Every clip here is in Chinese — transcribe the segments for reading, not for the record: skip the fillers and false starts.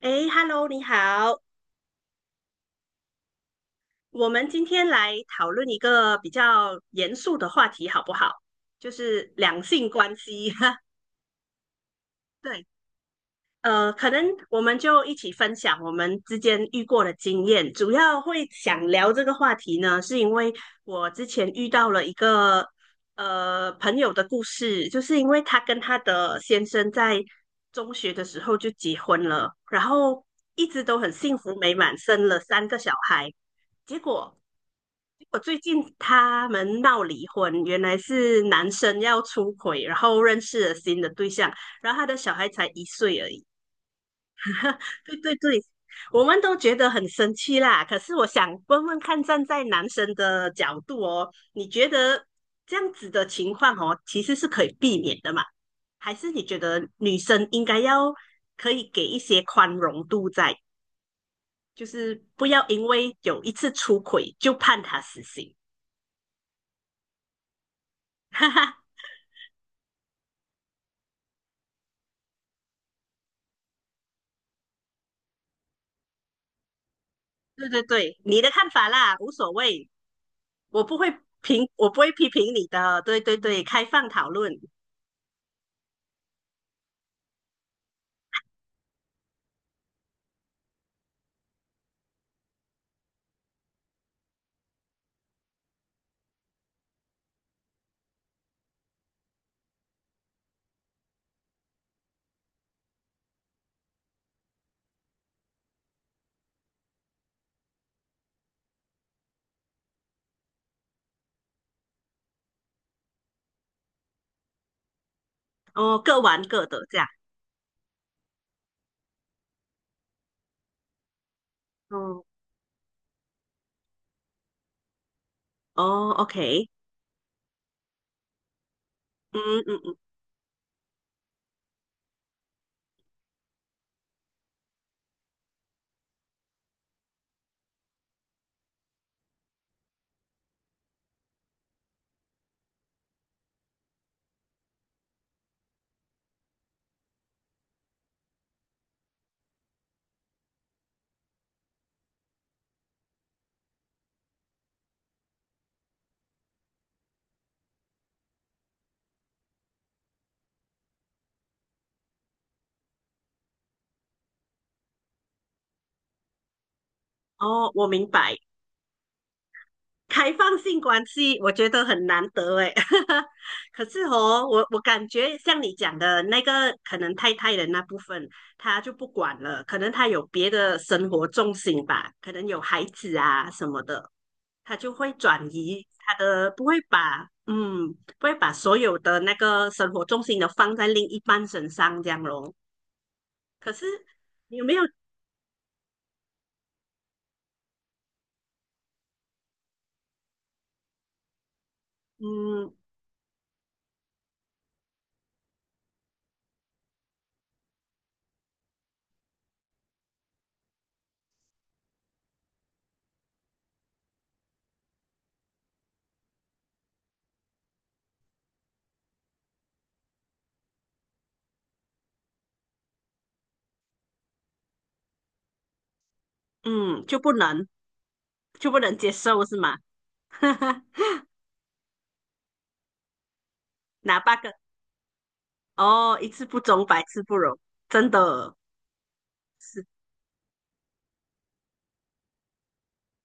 哎，Hello，你好，我们今天来讨论一个比较严肃的话题，好不好？就是两性关系。对，可能我们就一起分享我们之间遇过的经验。主要会想聊这个话题呢，是因为我之前遇到了一个朋友的故事，就是因为她跟她的先生在中学的时候就结婚了，然后一直都很幸福美满，生了三个小孩。结果我最近他们闹离婚，原来是男生要出轨，然后认识了新的对象，然后他的小孩才1岁而已。对对对，我们都觉得很生气啦。可是我想问问看，站在男生的角度哦，你觉得这样子的情况哦，其实是可以避免的嘛？还是你觉得女生应该要可以给一些宽容度在，就是不要因为有一次出轨就判他死刑？哈哈，对对对，你的看法啦，无所谓，我不会我不会批评你的。对对对，开放讨论，哦，各玩各的这样。哦哦，OK，嗯嗯嗯，哦，我明白。开放性关系，我觉得很难得诶。可是哦，我感觉像你讲的那个，可能太太的那部分，他就不管了，可能他有别的生活重心吧，可能有孩子啊什么的。他就会转移他的，不会把所有的那个生活重心都放在另一半身上这样咯。可是你有没有嗯嗯就不能接受是吗？哪八个？哦，一次不忠，百次不容，真的是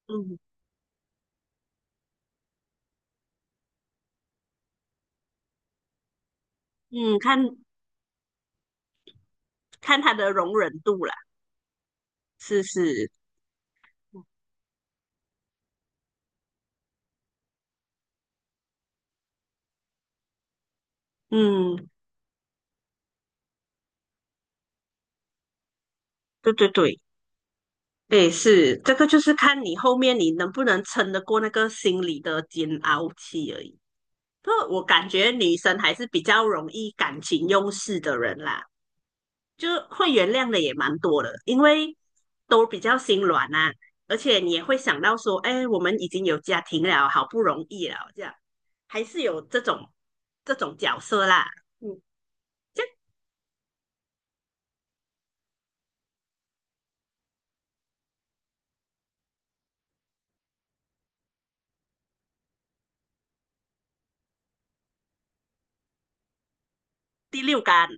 嗯嗯，看看他的容忍度啦，是是。嗯，对对对，对，是，这个就是看你后面你能不能撑得过那个心理的煎熬期而已。不过我感觉女生还是比较容易感情用事的人啦，就会原谅的也蛮多的，因为都比较心软啊，而且你也会想到说，哎，我们已经有家庭了，好不容易了，这样还是有这种角色啦。嗯，这样。第六感，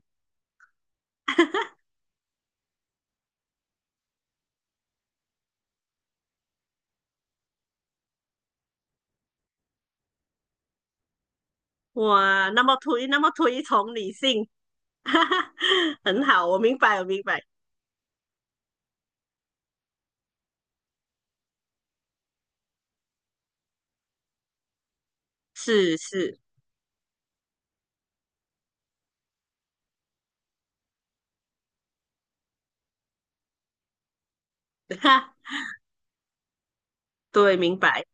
哇，那么推崇女性，哈哈，很好，我明白，我明白，是是，哈，对，明白，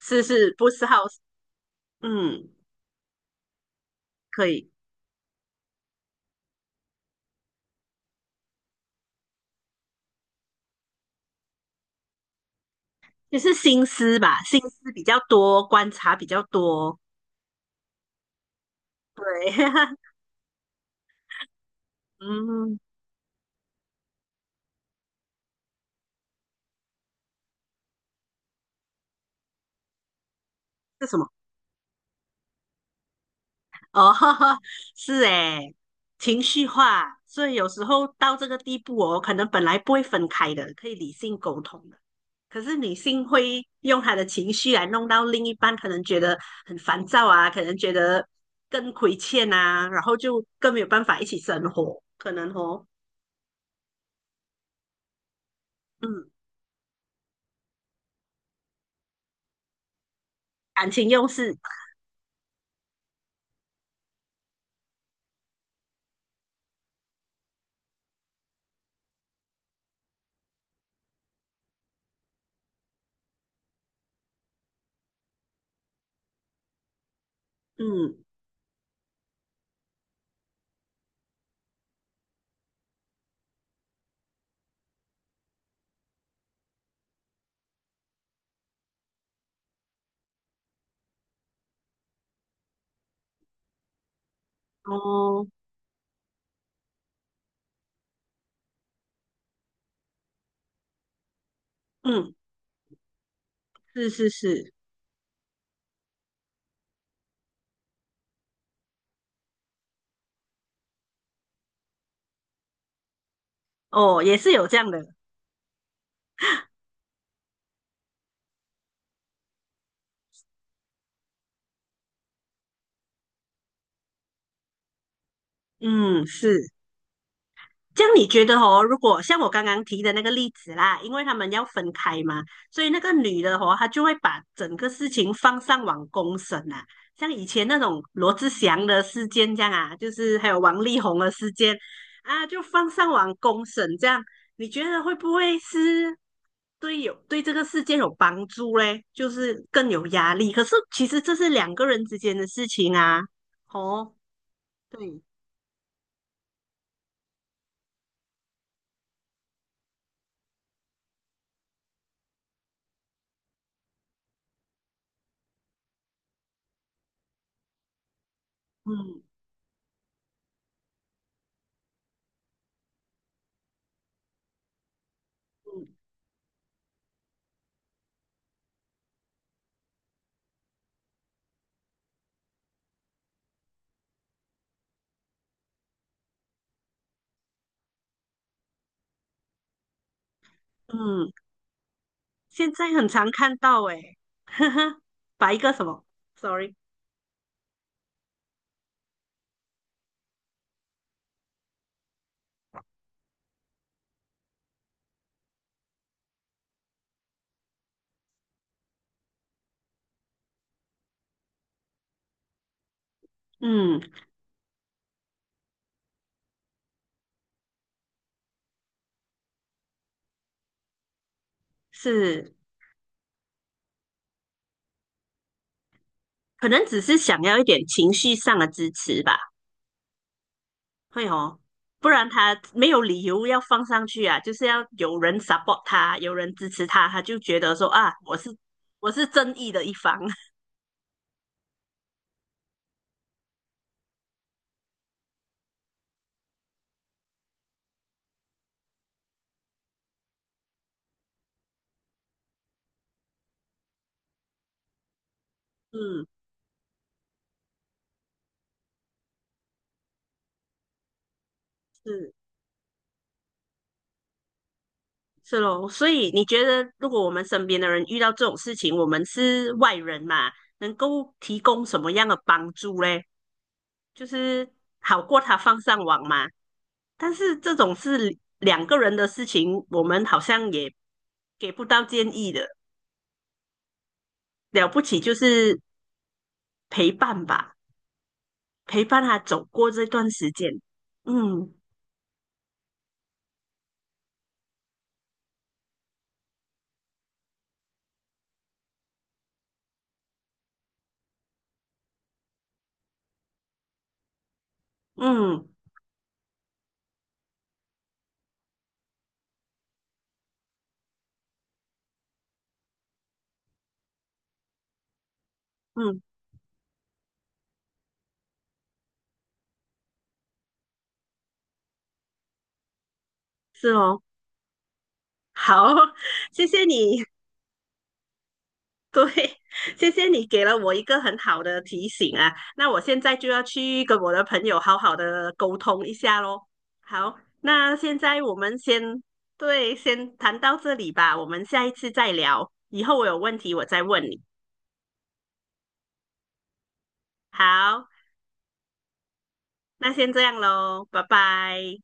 是是，不是好，嗯，可以。就是心思吧，心思比较多，观察比较多。对，嗯，是什么？哦，是诶，情绪化，所以有时候到这个地步哦，可能本来不会分开的，可以理性沟通的，可是女性会用她的情绪来弄到另一半，可能觉得很烦躁啊，可能觉得更亏欠啊，然后就更没有办法一起生活，可能哦，嗯，感情用事，嗯，哦，嗯，是是是。哦，也是有这样的，嗯，是。这样你觉得哦，如果像我刚刚提的那个例子啦，因为他们要分开嘛，所以那个女的哦，她就会把整个事情放上网公审啊，像以前那种罗志祥的事件这样啊，就是还有王力宏的事件啊，就放上网公审这样，你觉得会不会是对这个事件有帮助嘞？就是更有压力，可是其实这是两个人之间的事情啊，哦，对。嗯嗯嗯，现在很常看到诶，呵呵，把一个什么，sorry，嗯，是，可能只是想要一点情绪上的支持吧，会哦，不然他没有理由要放上去啊，就是要有人 support 他，有人支持他，他就觉得说啊，我是正义的一方，嗯，是是咯，所以你觉得如果我们身边的人遇到这种事情，我们是外人嘛，能够提供什么样的帮助嘞？就是好过他放上网嘛。但是这种是两个人的事情，我们好像也给不到建议的。了不起就是陪伴吧，陪伴他走过这段时间。嗯嗯嗯，是哦。好，谢谢你。对，谢谢你给了我一个很好的提醒啊，那我现在就要去跟我的朋友好好的沟通一下喽。好，那现在我们先，对，先谈到这里吧，我们下一次再聊，以后我有问题我再问你。好，那先这样喽，拜拜。